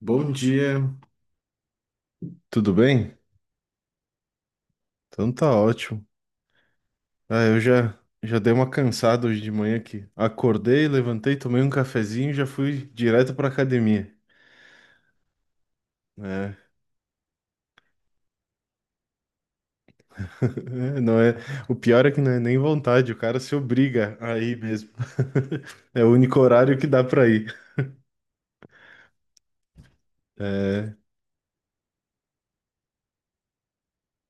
Bom dia, tudo bem? Então tá ótimo. Ah, eu já já dei uma cansada hoje de manhã aqui. Acordei, levantei, tomei um cafezinho e já fui direto pra academia. É. É, não é, o pior é que não é nem vontade, o cara se obriga a ir mesmo. É o único horário que dá pra ir. É,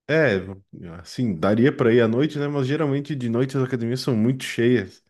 é, assim, daria pra ir à noite, né? Mas geralmente de noite as academias são muito cheias.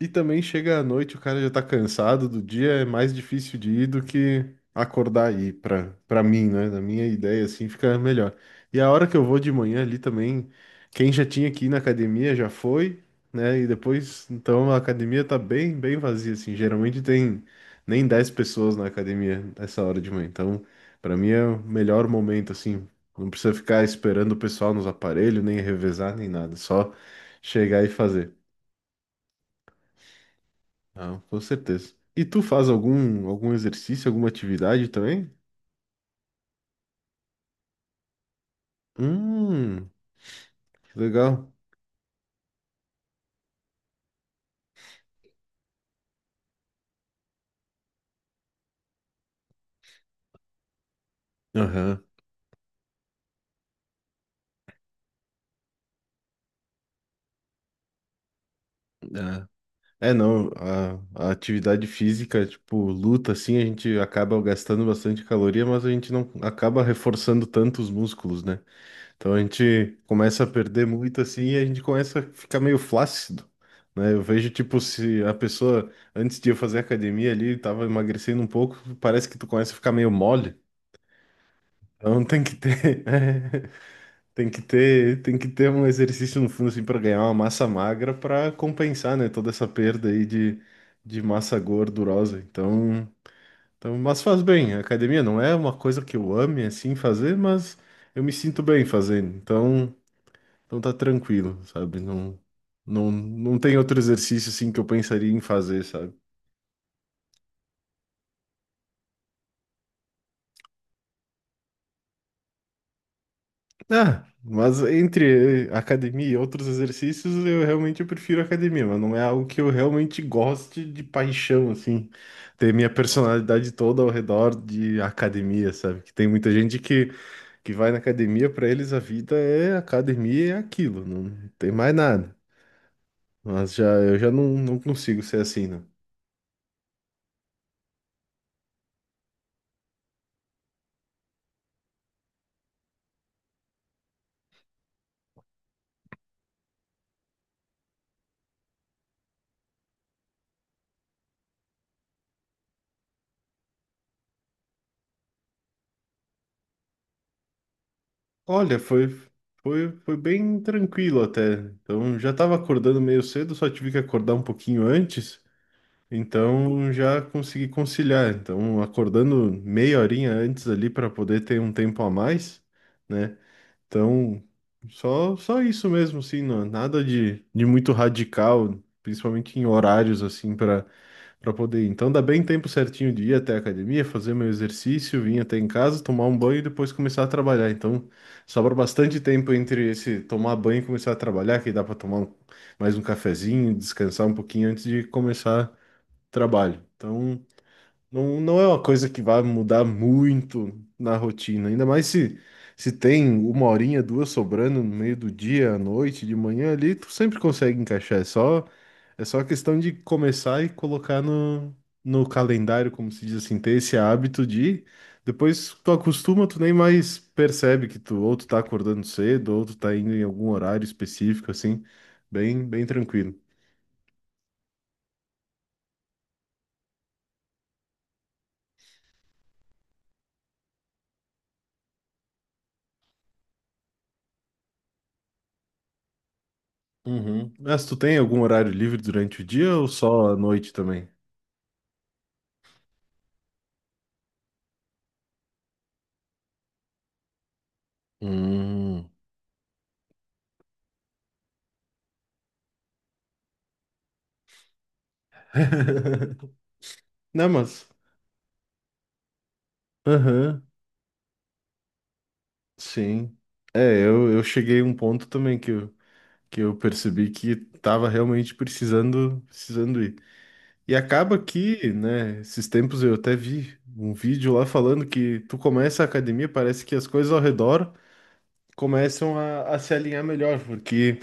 E também chega à noite, o cara já tá cansado do dia, é mais difícil de ir do que acordar aí, pra mim, né? Na minha ideia, assim, fica melhor. E a hora que eu vou de manhã ali também, quem já tinha que ir na academia já foi, né? E depois, então a academia tá bem, bem vazia, assim. Geralmente tem nem 10 pessoas na academia nessa hora de manhã. Então, pra mim é o melhor momento, assim. Não precisa ficar esperando o pessoal nos aparelhos, nem revezar, nem nada. É só chegar e fazer. Ah, com certeza. E tu faz algum exercício, alguma atividade também? Hum, que legal. Aham. Ah. É, não, a atividade física, tipo, luta, assim, a gente acaba gastando bastante caloria, mas a gente não acaba reforçando tanto os músculos, né? Então a gente começa a perder muito, assim, e a gente começa a ficar meio flácido, né? Eu vejo, tipo, se a pessoa, antes de eu fazer academia ali, tava emagrecendo um pouco, parece que tu começa a ficar meio mole. Então tem que ter, tem que ter um exercício no fundo assim para ganhar uma massa magra para compensar, né, toda essa perda aí de massa gordurosa. Então, mas faz bem. A academia não é uma coisa que eu ame assim fazer, mas eu me sinto bem fazendo. Então tá tranquilo, sabe? Não, não, não tem outro exercício assim que eu pensaria em fazer, sabe? Ah, mas entre academia e outros exercícios, eu realmente prefiro academia, mas não é algo que eu realmente goste de paixão, assim, ter minha personalidade toda ao redor de academia, sabe? Que tem muita gente que vai na academia, pra eles a vida é academia e é aquilo, não tem mais nada. Mas já eu já não, não consigo ser assim, né? Olha, foi bem tranquilo até. Então já tava acordando meio cedo, só tive que acordar um pouquinho antes. Então já consegui conciliar. Então, acordando meia horinha antes ali para poder ter um tempo a mais, né? Então, só isso mesmo, assim, não, nada de muito radical, principalmente em horários, assim, para poder ir. Então, dá bem tempo certinho de ir até a academia, fazer meu exercício, vir até em casa, tomar um banho e depois começar a trabalhar. Então, sobra bastante tempo entre esse tomar banho e começar a trabalhar, que dá para tomar mais um cafezinho, descansar um pouquinho antes de começar trabalho. Então, não, não é uma coisa que vai mudar muito na rotina, ainda mais se tem uma horinha, duas sobrando no meio do dia, à noite, de manhã ali, tu sempre consegue encaixar. É só questão de começar e colocar no calendário, como se diz assim, ter esse hábito de. Depois tu acostuma, tu nem mais percebe que tu ou tu tá acordando cedo, ou tu tá indo em algum horário específico, assim, bem, bem tranquilo. Uhum. Mas tu tem algum horário livre durante o dia ou só à noite também? Hum. Não, mas. Aham, sim. É, eu cheguei a um ponto também que eu percebi que tava realmente precisando, precisando ir. E acaba que, né, esses tempos eu até vi um vídeo lá falando que tu começa a academia, parece que as coisas ao redor começam a se alinhar melhor, porque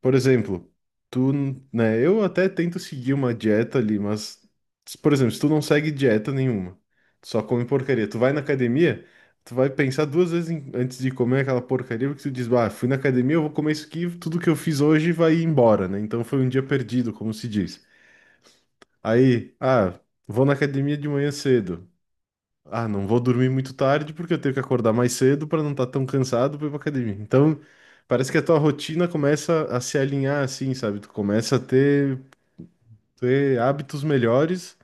por exemplo, tu, né, eu até tento seguir uma dieta ali, mas, por exemplo, se tu não segue dieta nenhuma, tu só come porcaria, tu vai na academia, tu vai pensar duas vezes antes de comer aquela porcaria, porque tu diz, ah, fui na academia, eu vou comer isso aqui, tudo que eu fiz hoje vai embora, né? Então foi um dia perdido, como se diz. Aí, ah, vou na academia de manhã cedo. Ah, não vou dormir muito tarde porque eu tenho que acordar mais cedo para não estar tão cansado para ir pra academia. Então, parece que a tua rotina começa a se alinhar assim, sabe? Tu começa a ter, ter hábitos melhores,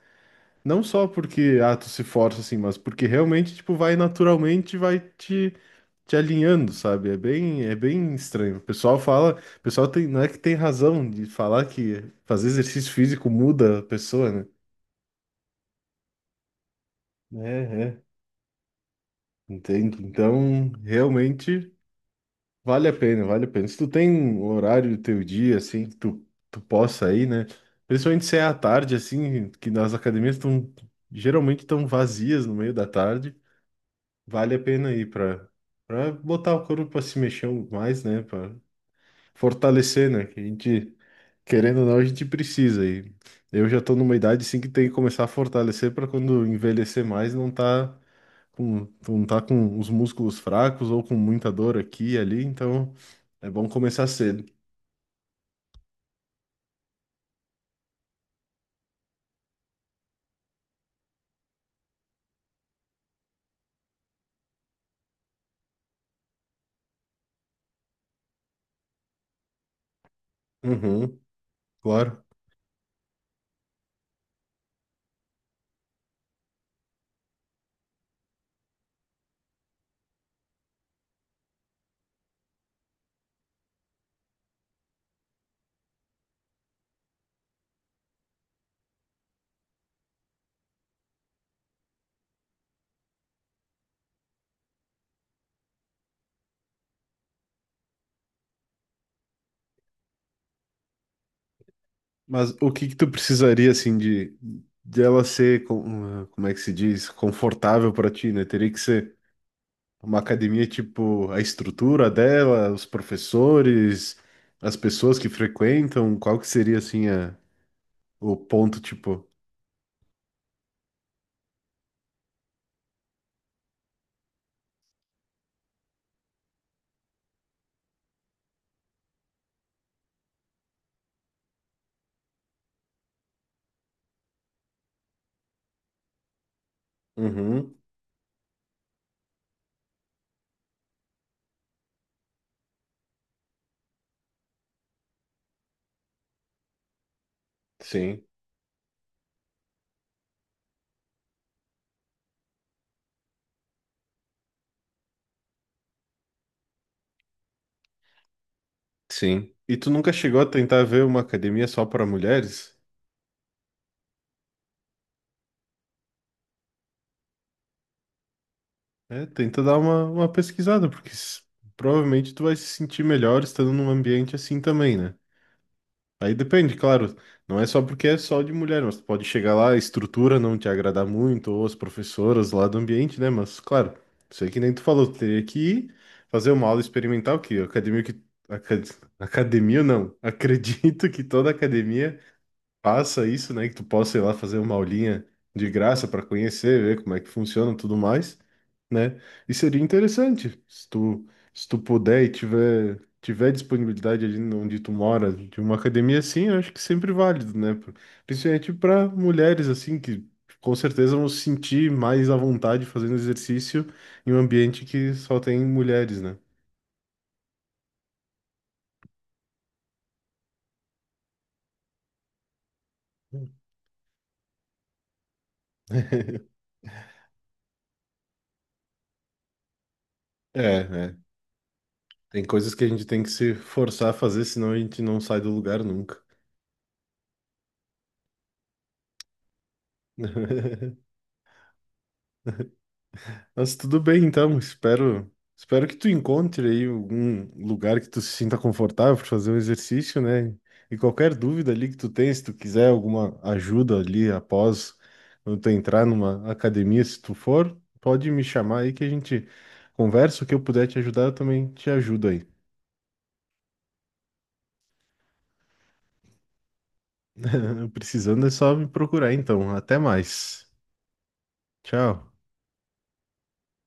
não só porque ah, tu se força assim, mas porque realmente tipo vai naturalmente, vai te alinhando, sabe? É bem estranho. O pessoal fala, o pessoal tem, não é que tem razão de falar que fazer exercício físico muda a pessoa, né? É, é. Entendo. Então, realmente vale a pena, vale a pena. Se tu tem um horário do teu dia, assim, que tu possa ir, né? Principalmente se é à tarde, assim, que nas academias estão geralmente estão vazias no meio da tarde, vale a pena ir para botar o corpo para se mexer mais, né? Para fortalecer, né? Que a gente, querendo ou não, a gente precisa. E eu já tô numa idade, assim, que tem que começar a fortalecer para quando envelhecer mais não tá com, tu não tá com os músculos fracos ou com muita dor aqui e ali, então é bom começar cedo. Uhum, claro. Mas o que que tu precisaria, assim, de, ela ser, como é que se diz, confortável para ti, né? Teria que ser uma academia, tipo, a estrutura dela, os professores, as pessoas que frequentam, qual que seria, assim, o ponto, tipo... Uhum, sim, sim. E tu nunca chegou a tentar ver uma academia só para mulheres? É, tenta dar uma pesquisada, porque provavelmente tu vai se sentir melhor estando num ambiente assim também, né? Aí depende, claro, não é só porque é só de mulher, mas tu pode chegar lá, a estrutura não te agradar muito, ou as professoras lá do ambiente, né? Mas, claro, sei que nem tu falou, tu teria que ir fazer uma aula experimental, que academia que. aca- Academia não, acredito que toda academia faça isso, né? Que tu possa ir lá fazer uma aulinha de graça para conhecer, ver como é que funciona e tudo mais, né? E seria interessante se tu, puder e tiver disponibilidade ali onde tu mora, de uma academia assim, eu acho que sempre válido, né? Principalmente para mulheres assim que com certeza vão se sentir mais à vontade fazendo exercício em um ambiente que só tem mulheres, né? É, é. Tem coisas que a gente tem que se forçar a fazer, senão a gente não sai do lugar nunca. Mas tudo bem, então. Espero que tu encontre aí algum lugar que tu se sinta confortável para fazer um exercício, né? E qualquer dúvida ali que tu tenha, se tu quiser alguma ajuda ali após quando tu entrar numa academia, se tu for, pode me chamar aí que a gente conversa. O que eu puder te ajudar, eu também te ajudo aí. Precisando é só me procurar, então. Até mais. Tchau.